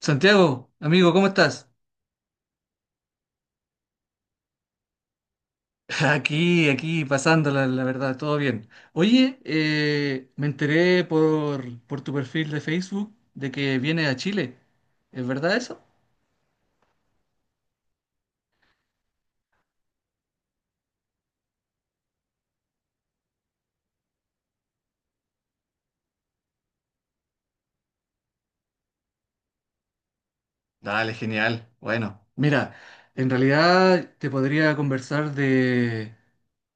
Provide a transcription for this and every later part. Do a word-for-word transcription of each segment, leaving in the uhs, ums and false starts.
Santiago, amigo, ¿cómo estás? Aquí, aquí, pasándola, la verdad, todo bien. Oye, eh, me enteré por, por tu perfil de Facebook de que vienes a Chile. ¿Es verdad eso? Dale, genial. Bueno, mira, en realidad te podría conversar de,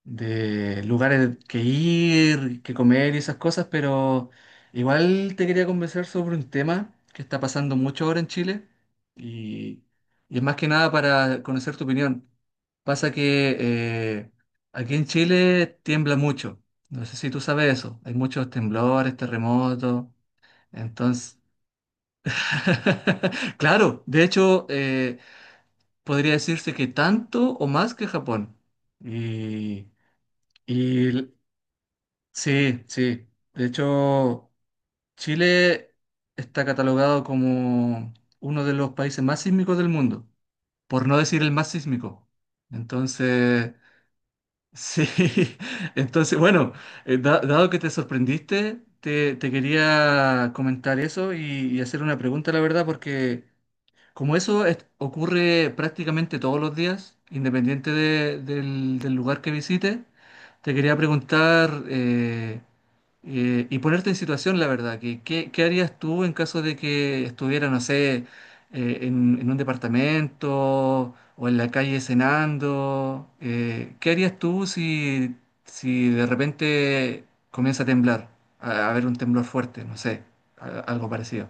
de lugares que ir, que comer y esas cosas, pero igual te quería conversar sobre un tema que está pasando mucho ahora en Chile y, y es más que nada para conocer tu opinión. Pasa que eh, aquí en Chile tiembla mucho, no sé si tú sabes eso, hay muchos temblores, terremotos, entonces... Claro, de hecho, eh, podría decirse que tanto o más que Japón. Y, y sí, sí. De hecho, Chile está catalogado como uno de los países más sísmicos del mundo, por no decir el más sísmico. Entonces, sí, entonces, bueno, eh, da- dado que te sorprendiste, te, te quería comentar eso y, y hacer una pregunta, la verdad, porque como eso es- ocurre prácticamente todos los días, independiente de- del, del lugar que visites, te quería preguntar... eh, eh, y ponerte en situación, la verdad, que qué, qué harías tú en caso de que estuviera, no sé, eh, en, en un departamento o en la calle cenando? Eh, ¿qué harías tú si, si de repente comienza a temblar, a, a haber un temblor fuerte, no sé, a- algo parecido?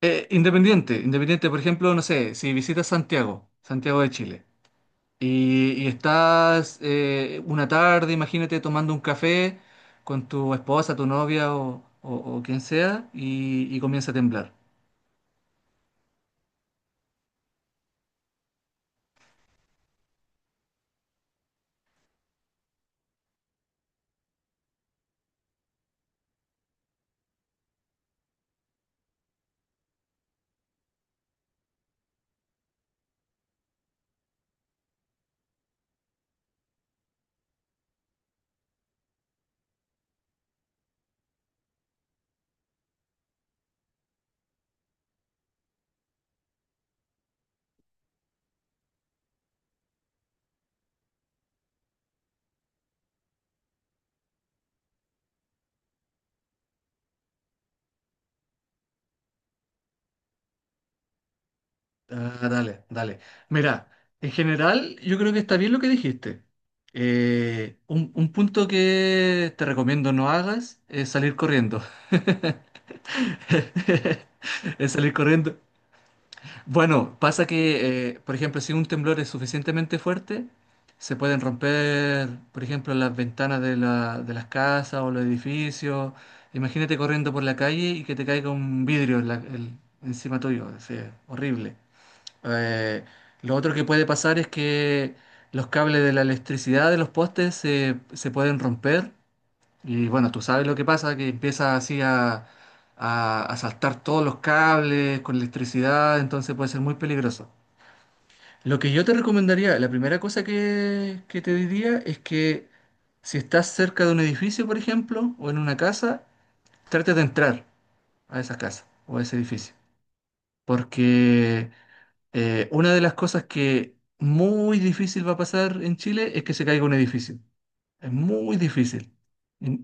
Eh, independiente, independiente, por ejemplo, no sé, si visitas Santiago, Santiago de Chile. Y, y estás eh, una tarde, imagínate, tomando un café con tu esposa, tu novia o, o- o quien sea y, y comienza a temblar. Ah, dale, dale. Mira, en general yo creo que está bien lo que dijiste. Eh, un, un punto que te recomiendo no hagas es salir corriendo. Es salir corriendo. Bueno, pasa que, eh, por ejemplo, si un temblor es suficientemente fuerte, se pueden romper, por ejemplo, las ventanas de la- de las casas o los edificios. Imagínate corriendo por la calle y que te caiga un vidrio en la- el- encima tuyo. Es horrible. Eh, lo otro que puede pasar es que los cables de la electricidad de los postes se se pueden romper y bueno, tú sabes lo que pasa, que empieza así a, a, a saltar todos los cables con electricidad, entonces puede ser muy peligroso. Lo que yo te recomendaría, la primera cosa que, que te diría es que si estás cerca de un edificio, por ejemplo, o en una casa, trate de entrar a esa casa o a ese edificio. Porque eh, una de las cosas que muy difícil va a pasar en Chile es que se caiga un edificio. Es muy difícil. Y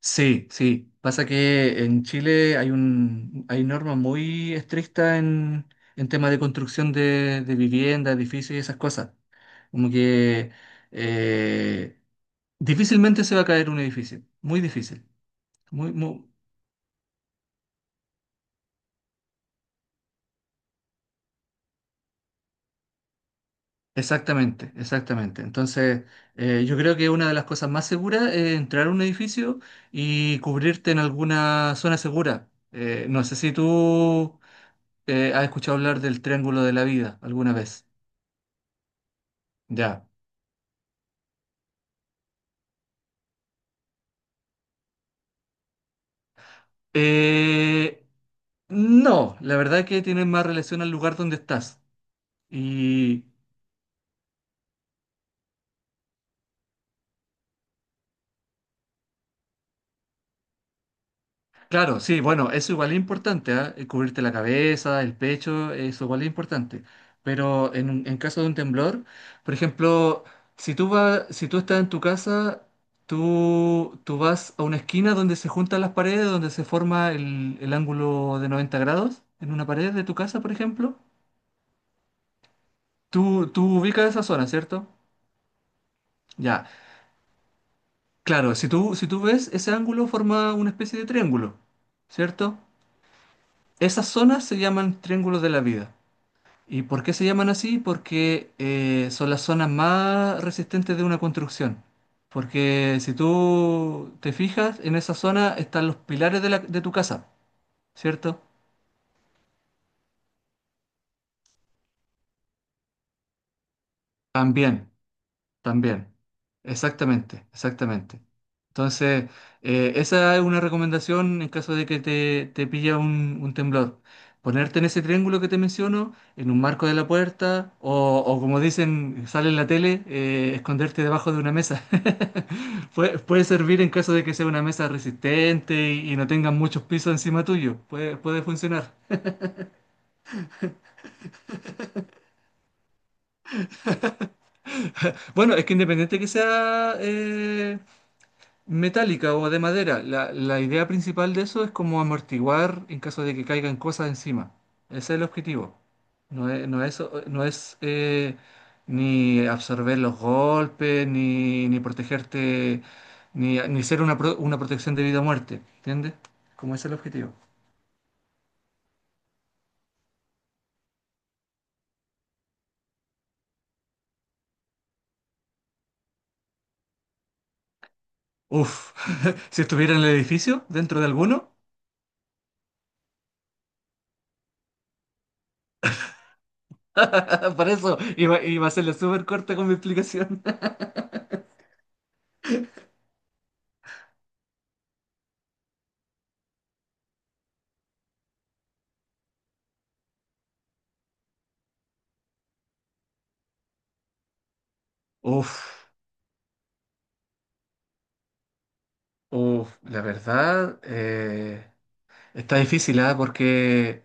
sí, sí. Pasa que en Chile hay un, hay normas muy estrictas en, en temas de construcción de, de vivienda, edificios y esas cosas. Como que eh, difícilmente se va a caer un edificio. Muy difícil. Muy, muy- Exactamente, exactamente. Entonces, eh, yo creo que una de las cosas más seguras es entrar a un edificio y cubrirte en alguna zona segura. Eh, no sé si tú eh, has escuchado hablar del Triángulo de la Vida alguna vez. Ya. Eh, no, la verdad que tienen más relación al lugar donde estás. Y claro, sí, bueno, eso igual es importante, ¿ah? Eh, Cubrirte la cabeza, el pecho, eso igual es importante. Pero en, un- en caso de un temblor, por ejemplo, si tú vas, si tú estás en tu casa, tú, tú vas a una esquina donde se juntan las paredes, donde se forma el, el ángulo de noventa grados en una pared de tu casa, por ejemplo. Tú, tú ubicas esa zona, ¿cierto? Ya. Claro, si tú, si tú ves, ese ángulo forma una especie de triángulo, ¿cierto? Esas zonas se llaman triángulos de la vida. ¿Y por qué se llaman así? Porque eh, son las zonas más resistentes de una construcción. Porque si tú te fijas, en esa zona están los pilares de la- de tu casa, ¿cierto? También, también. Exactamente, exactamente. Entonces, eh, esa es una recomendación en caso de que te, te pilla un, un temblor. Ponerte en ese triángulo que te menciono, en un marco de la puerta, o, o como dicen, sale en la tele, eh, esconderte debajo de una mesa. Puede, puede servir en caso de que sea una mesa resistente y, y no tengan muchos pisos encima tuyo. Puede, puede funcionar. Bueno, es que independiente que sea eh, metálica o de madera. La, la idea principal de eso es como amortiguar en caso de que caigan cosas encima. Ese es el objetivo. No es, no es, no es eh, ni absorber los golpes, ni, ni protegerte, ni, ni ser una, pro- una protección de vida o muerte. ¿Entiendes? Como ese es el objetivo. Uf, si estuviera en el edificio, dentro de alguno, para eso iba, iba a hacerle súper corta con mi explicación. Uf, uf, la verdad, está difícil, ¿ah? Porque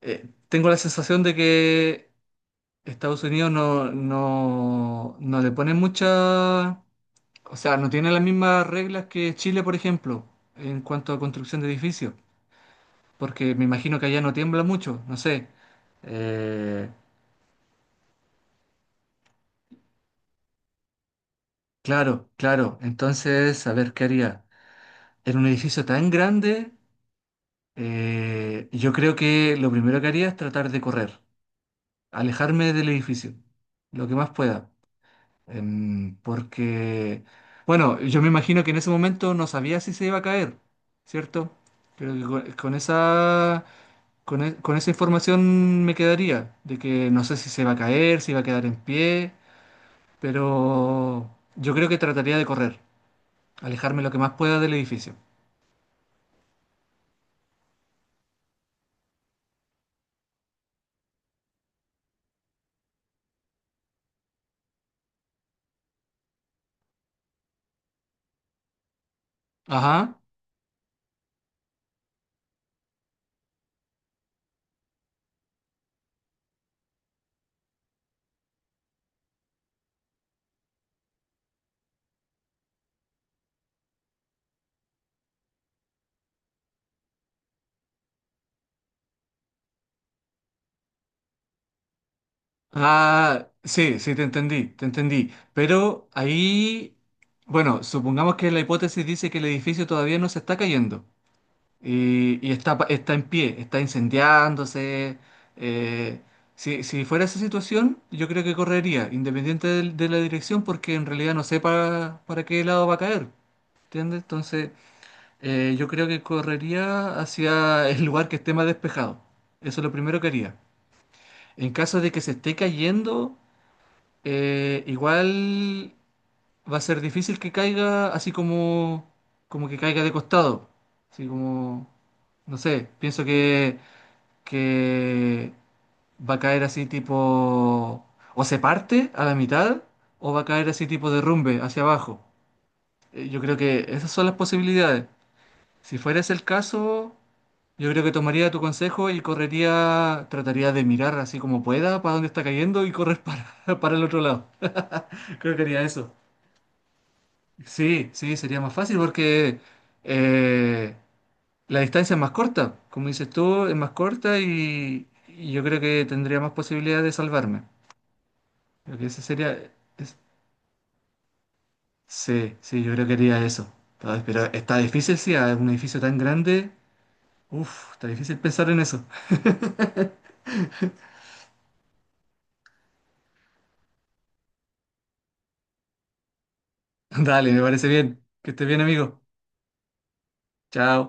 eh, tengo la sensación de que Estados Unidos no, no, no le pone mucha, o sea, no tiene las mismas reglas que Chile, por ejemplo, en cuanto a construcción de edificios, porque me imagino que allá no tiembla mucho, no sé. Eh, claro, claro. Entonces, a ver, ¿qué haría? En un edificio tan grande, eh, yo creo que lo primero que haría es tratar de correr, alejarme del edificio, lo que más pueda. Em, porque, bueno, yo me imagino que en ese momento no sabía si se iba a caer, ¿cierto? Creo que con, con esa, con, e- con esa información me quedaría, de que no sé si se va a caer, si va a quedar en pie, pero yo creo que trataría de correr, alejarme lo que más pueda del edificio. Ajá. Ah, sí, sí, te entendí, te entendí. Pero ahí, bueno, supongamos que la hipótesis dice que el edificio todavía no se está cayendo. Y, y está, está en pie, está incendiándose. eh, si, si fuera esa situación, yo creo que correría, independiente del- de, la dirección, porque en realidad no sé para, para qué lado va a caer. ¿Entiendes? Entonces, eh, yo creo que correría hacia el lugar que esté más despejado. Eso es lo primero que haría. En caso de que se esté cayendo, eh, igual va a ser difícil que caiga así como, como que caiga de costado. Así como, no sé, pienso que que va a caer así tipo, o se parte a la mitad, o va a caer así tipo derrumbe hacia abajo. Eh, Yo creo que esas son las posibilidades. Si fuera ese el caso, yo creo que tomaría tu consejo y correría, trataría de mirar así como pueda para dónde está cayendo y correr para, para el otro lado. Creo que haría eso. Sí, sí, sería más fácil porque eh, la distancia es más corta, como dices tú, es más corta y, y yo creo que tendría más posibilidades de salvarme. Creo que ese sería. es- sí, sí, yo creo que haría eso. Está- Pero está difícil, sí, a un edificio tan grande. Uf, está difícil pensar en eso. Dale, me parece bien. Que estés bien, amigo. Chao.